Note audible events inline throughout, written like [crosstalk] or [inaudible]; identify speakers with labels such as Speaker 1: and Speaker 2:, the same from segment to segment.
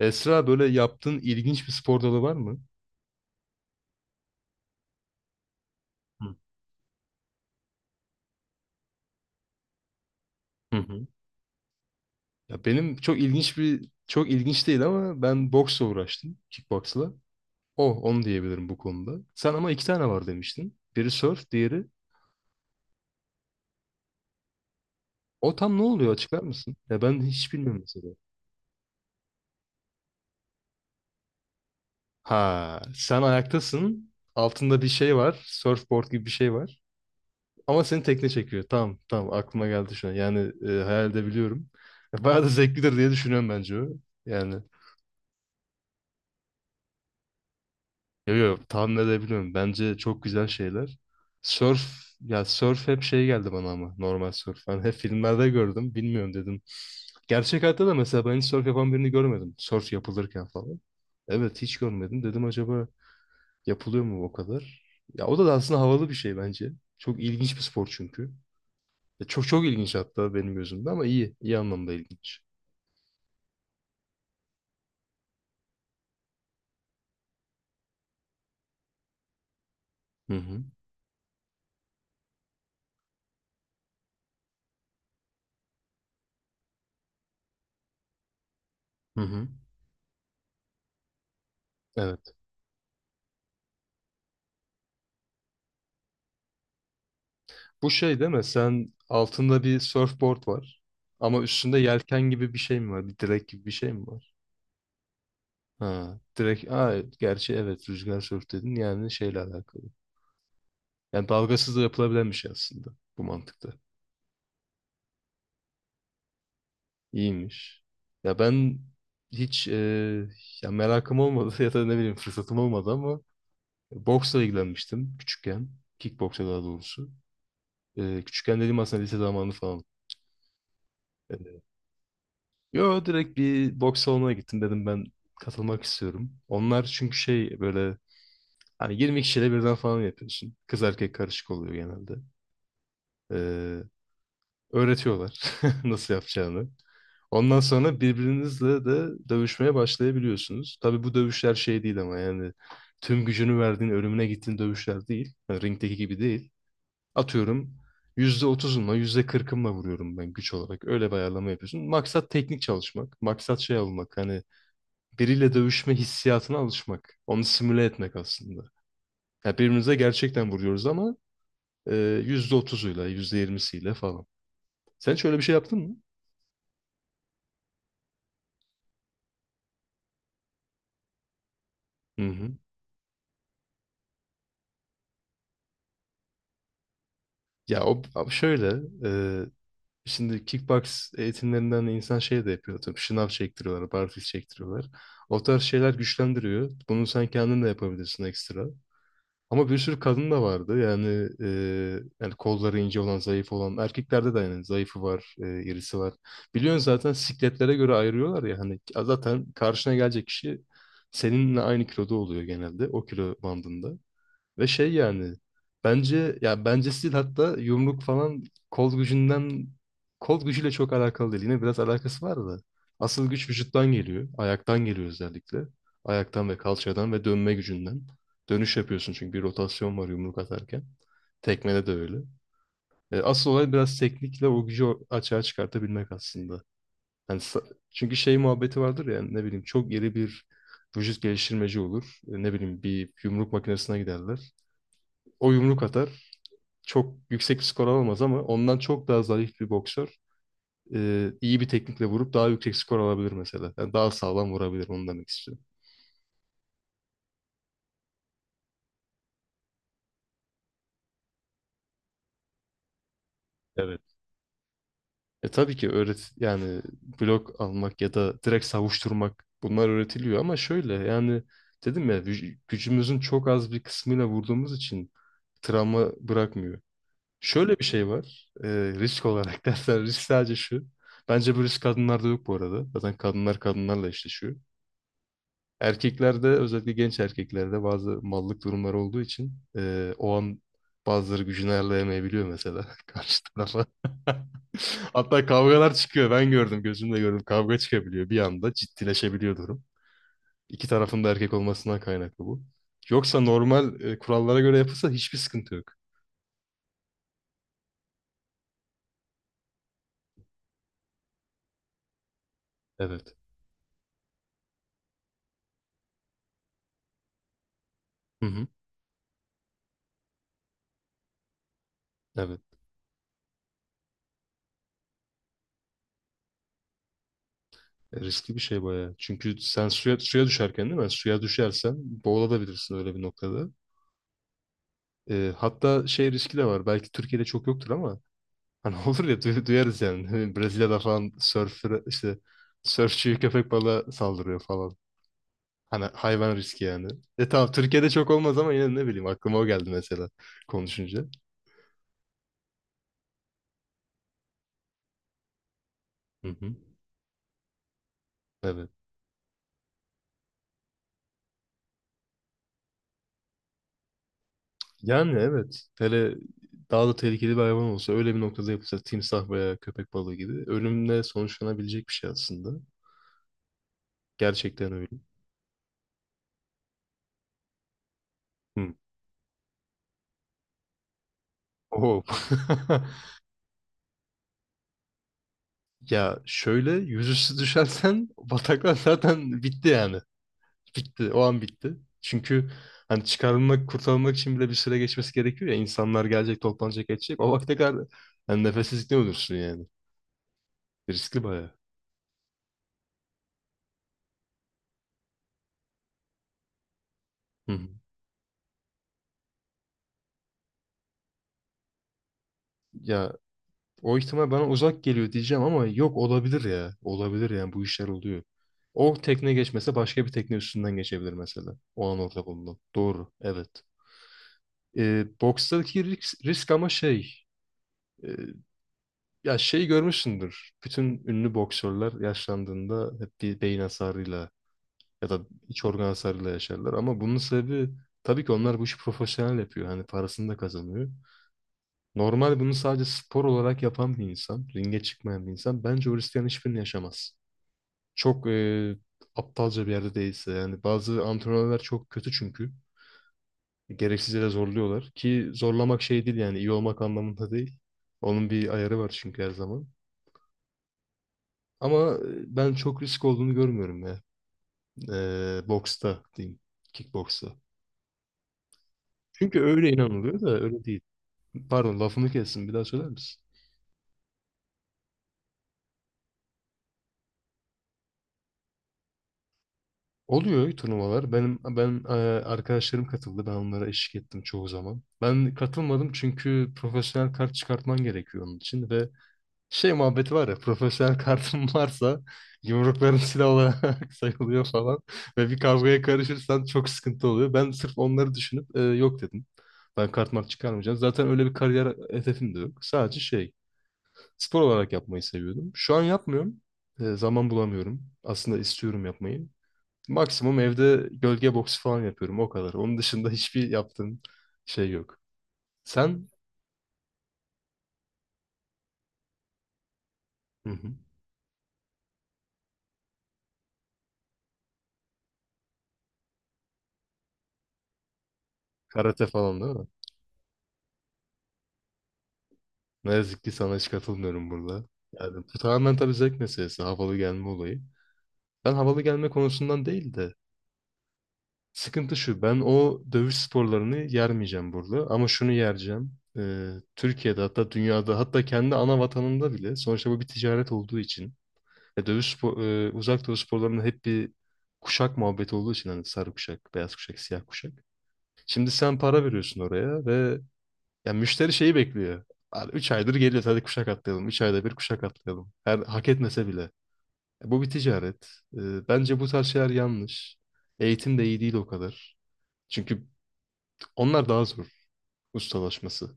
Speaker 1: Esra böyle yaptığın ilginç bir spor dalı var mı? Hı hı. Hı. Ya benim çok ilginç değil ama ben boksla uğraştım, kickboksla. Oh, onu diyebilirim bu konuda. Sen ama iki tane var demiştin. Biri surf, diğeri o tam ne oluyor açıklar mısın? Ya ben hiç bilmiyorum mesela. Ha, sen ayaktasın. Altında bir şey var. Surfboard gibi bir şey var. Ama seni tekne çekiyor. Tamam, tamam aklıma geldi şu an. Yani hayal edebiliyorum. Bayağı da zevklidir diye düşünüyorum bence o. Yani yok yo tahmin edebiliyorum. Bence çok güzel şeyler. Surf, ya surf hep şey geldi bana ama normal surf. Ben hep filmlerde gördüm. Bilmiyorum dedim. Gerçek hayatta da mesela ben hiç surf yapan birini görmedim. Surf yapılırken falan. Evet hiç görmedim. Dedim acaba yapılıyor mu o kadar? Ya o da aslında havalı bir şey bence. Çok ilginç bir spor çünkü. Çok çok ilginç hatta benim gözümde ama iyi. İyi anlamda ilginç. Hı hı. Hı hı. Evet. Bu şey değil mi? Sen altında bir surfboard var. Ama üstünde yelken gibi bir şey mi var? Bir direk gibi bir şey mi var? Ha, direk. Aa, gerçi evet rüzgar sörf dedin. Yani şeyle alakalı. Yani dalgasız da yapılabilen bir şey aslında. Bu mantıkta. İyiymiş. Ya ben hiç ya merakım olmadı [laughs] ya da ne bileyim fırsatım olmadı ama boksla ilgilenmiştim küçükken. Kickboksa daha doğrusu. Küçükken dediğim aslında lise zamanı falan. E, Yo, direkt bir boks salonuna gittim, dedim ben katılmak istiyorum. Onlar çünkü şey böyle hani 20 kişiyle birden falan yapıyorsun. Kız erkek karışık oluyor genelde. Ee, öğretiyorlar [laughs] nasıl yapacağını. Ondan sonra birbirinizle de dövüşmeye başlayabiliyorsunuz. Tabii bu dövüşler şey değil ama yani tüm gücünü verdiğin, ölümüne gittiğin dövüşler değil. Yani ringdeki gibi değil. Atıyorum %30'umla yüzde kırkımla vuruyorum ben güç olarak. Öyle bir ayarlama yapıyorsun. Maksat teknik çalışmak. Maksat şey olmak. Hani biriyle dövüşme hissiyatına alışmak. Onu simüle etmek aslında. Ya birbirimize gerçekten vuruyoruz ama e, %30'uyla, %20'siyle falan. Sen hiç öyle bir şey yaptın mı? Hı hı. Ya o şöyle, e, şimdi kickbox eğitimlerinden insan şey de yapıyor. Tabii şınav çektiriyorlar, barfiks çektiriyorlar. O tarz şeyler güçlendiriyor. Bunu sen kendin de yapabilirsin ekstra. Ama bir sürü kadın da vardı. Yani yani kolları ince olan, zayıf olan. Erkeklerde de yani zayıfı var, irisi var. Biliyorsun zaten sikletlere göre ayırıyorlar ya. Hani zaten karşına gelecek kişi seninle aynı kiloda oluyor genelde. O kilo bandında. Ve şey yani bence ya bence stil hatta yumruk falan kol gücünden kol gücüyle çok alakalı değil. Yine biraz alakası var da. Asıl güç vücuttan geliyor. Ayaktan geliyor özellikle. Ayaktan ve kalçadan ve dönme gücünden. Dönüş yapıyorsun çünkü bir rotasyon var yumruk atarken. Tekmede de öyle. Asıl olay biraz teknikle o gücü açığa çıkartabilmek aslında. Yani sa- çünkü şey muhabbeti vardır ya, ne bileyim, çok iri bir vücut geliştirmeci olur. Ne bileyim bir yumruk makinesine giderler. O yumruk atar, çok yüksek skor alamaz ama ondan çok daha zayıf bir boksör iyi bir teknikle vurup daha yüksek skor alabilir mesela. Yani daha sağlam vurabilir onu demek istiyorum. Evet. E tabii ki öğret yani blok almak ya da direkt savuşturmak bunlar öğretiliyor ama şöyle yani dedim ya gücümüzün çok az bir kısmıyla vurduğumuz için travma bırakmıyor. Şöyle bir şey var, risk olarak [laughs] dersen risk sadece şu. Bence bu risk kadınlarda yok bu arada. Zaten kadınlar kadınlarla eşleşiyor. Erkeklerde, özellikle genç erkeklerde bazı mallık durumları olduğu için, o an bazıları gücünü ayarlayamayabiliyor mesela [laughs] karşı tarafa. [laughs] Hatta kavgalar çıkıyor. Ben gördüm, gözümle gördüm. Kavga çıkabiliyor bir anda. Ciddileşebiliyor durum. İki tarafın da erkek olmasından kaynaklı bu. Yoksa normal kurallara göre yapılsa hiçbir sıkıntı yok. Evet. Hı hı. Evet. Riskli bir şey bayağı. Çünkü sen suya düşerken değil mi? Suya düşersen boğulabilirsin öyle bir noktada. Hatta şey riski de var. Belki Türkiye'de çok yoktur ama hani [laughs] olur ya, duyarız yani. Hani Brezilya'da falan surfer, işte sörfçü, köpek balığı saldırıyor falan. Hani hayvan riski yani. E tamam, Türkiye'de çok olmaz ama yine ne bileyim, aklıma o geldi mesela konuşunca. Hı hı. Evet. Yani evet. Hele daha da tehlikeli bir hayvan olsa öyle bir noktada yapılsa, timsah veya köpek balığı gibi, ölümle sonuçlanabilecek bir şey aslında. Gerçekten öyle. Hı. Oo. [laughs] Ya şöyle yüzüstü [laughs] düşersen bataklar, zaten bitti yani. Bitti. O an bitti. Çünkü hani çıkarılmak, kurtarılmak için bile bir süre geçmesi gerekiyor ya. İnsanlar gelecek, toplanacak, edecek. O vakte kadar yani nefessizlikle ölürsün yani. Riskli bayağı. Hı hı. Ya o ihtimal bana uzak geliyor diyeceğim ama yok, olabilir ya. Olabilir yani, bu işler oluyor. O tekne geçmese başka bir tekne üstünden geçebilir mesela. O an orada bulunan. Doğru. Evet. Bokstaki risk ama şey... Ya şey görmüşsündür. Bütün ünlü boksörler yaşlandığında hep bir beyin hasarıyla ya da iç organ hasarıyla yaşarlar. Ama bunun sebebi, tabii ki onlar bu işi profesyonel yapıyor. Hani parasını da kazanıyor. Normal bunu sadece spor olarak yapan bir insan, ringe çıkmayan bir insan bence o risklerin hiçbirini yaşamaz. Çok aptalca bir yerde değilse yani, bazı antrenörler çok kötü çünkü. Gereksiz yere zorluyorlar ki zorlamak şey değil yani iyi olmak anlamında değil. Onun bir ayarı var çünkü her zaman. Ama ben çok risk olduğunu görmüyorum ya. Boksta diyeyim. Kickboksta. Çünkü öyle inanılıyor da öyle değil. Pardon, lafımı kestim. Bir daha söyler misin? Oluyor turnuvalar. Benim ben arkadaşlarım katıldı. Ben onlara eşlik ettim çoğu zaman. Ben katılmadım çünkü profesyonel kart çıkartman gerekiyor onun için ve şey muhabbeti var ya, profesyonel [laughs] kartın varsa yumrukların silah olarak [laughs] sayılıyor falan ve bir kavgaya karışırsan çok sıkıntı oluyor. Ben sırf onları düşünüp yok dedim. Ben kart mart çıkarmayacağım. Zaten öyle bir kariyer hedefim de yok. Sadece şey spor olarak yapmayı seviyordum. Şu an yapmıyorum. Zaman bulamıyorum. Aslında istiyorum yapmayı. Maksimum evde gölge boksu falan yapıyorum o kadar. Onun dışında hiçbir yaptığım şey yok. Sen? Hı hı. Karate falan değil? Ne yazık ki sana hiç katılmıyorum burada. Yani bu tamamen tabii zevk meselesi, havalı gelme olayı. Ben havalı gelme konusundan değil de, sıkıntı şu, ben o dövüş sporlarını yermeyeceğim burada ama şunu yereceğim. Türkiye'de, hatta dünyada, hatta kendi ana vatanında bile, sonuçta bu bir ticaret olduğu için, uzak dövüş sporlarının hep bir kuşak muhabbeti olduğu için, hani sarı kuşak, beyaz kuşak, siyah kuşak. Şimdi sen para veriyorsun oraya ve ya müşteri şeyi bekliyor. 3 aydır geliyor, hadi kuşak atlayalım. 3 ayda bir kuşak atlayalım. Her hak etmese bile. Bu bir ticaret. Bence bu tarz şeyler yanlış. Eğitim de iyi değil o kadar. Çünkü onlar daha zor ustalaşması.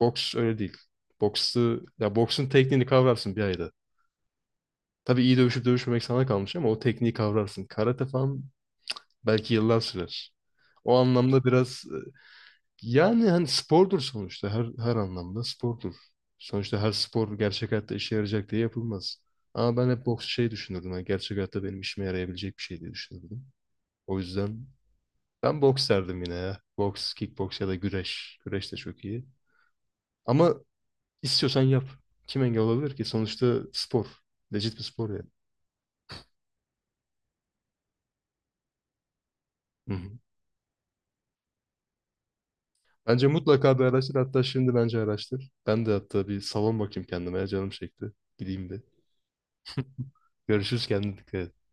Speaker 1: Boks öyle değil. Boksu, ya boksun tekniğini kavrarsın bir ayda. Tabii iyi dövüşüp dövüşmemek sana kalmış ama o tekniği kavrarsın. Karate falan belki yıllar sürer. O anlamda biraz yani hani spordur sonuçta, her anlamda spordur. Sonuçta her spor gerçek hayatta işe yarayacak diye yapılmaz. Ama ben hep boks şey düşünürdüm. Hani gerçek hayatta benim işime yarayabilecek bir şey diye düşünürdüm. O yüzden ben boks derdim yine ya. Boks, kickboks ya da güreş. Güreş de çok iyi. Ama istiyorsan yap. Kim engel olabilir ki? Sonuçta spor. Legit bir spor yani. Hı hı. Bence mutlaka bir araştır. Hatta şimdi bence araştır. Ben de hatta bir salon bakayım kendime. Canım çekti. Gideyim de. Görüşürüz, kendine dikkat et.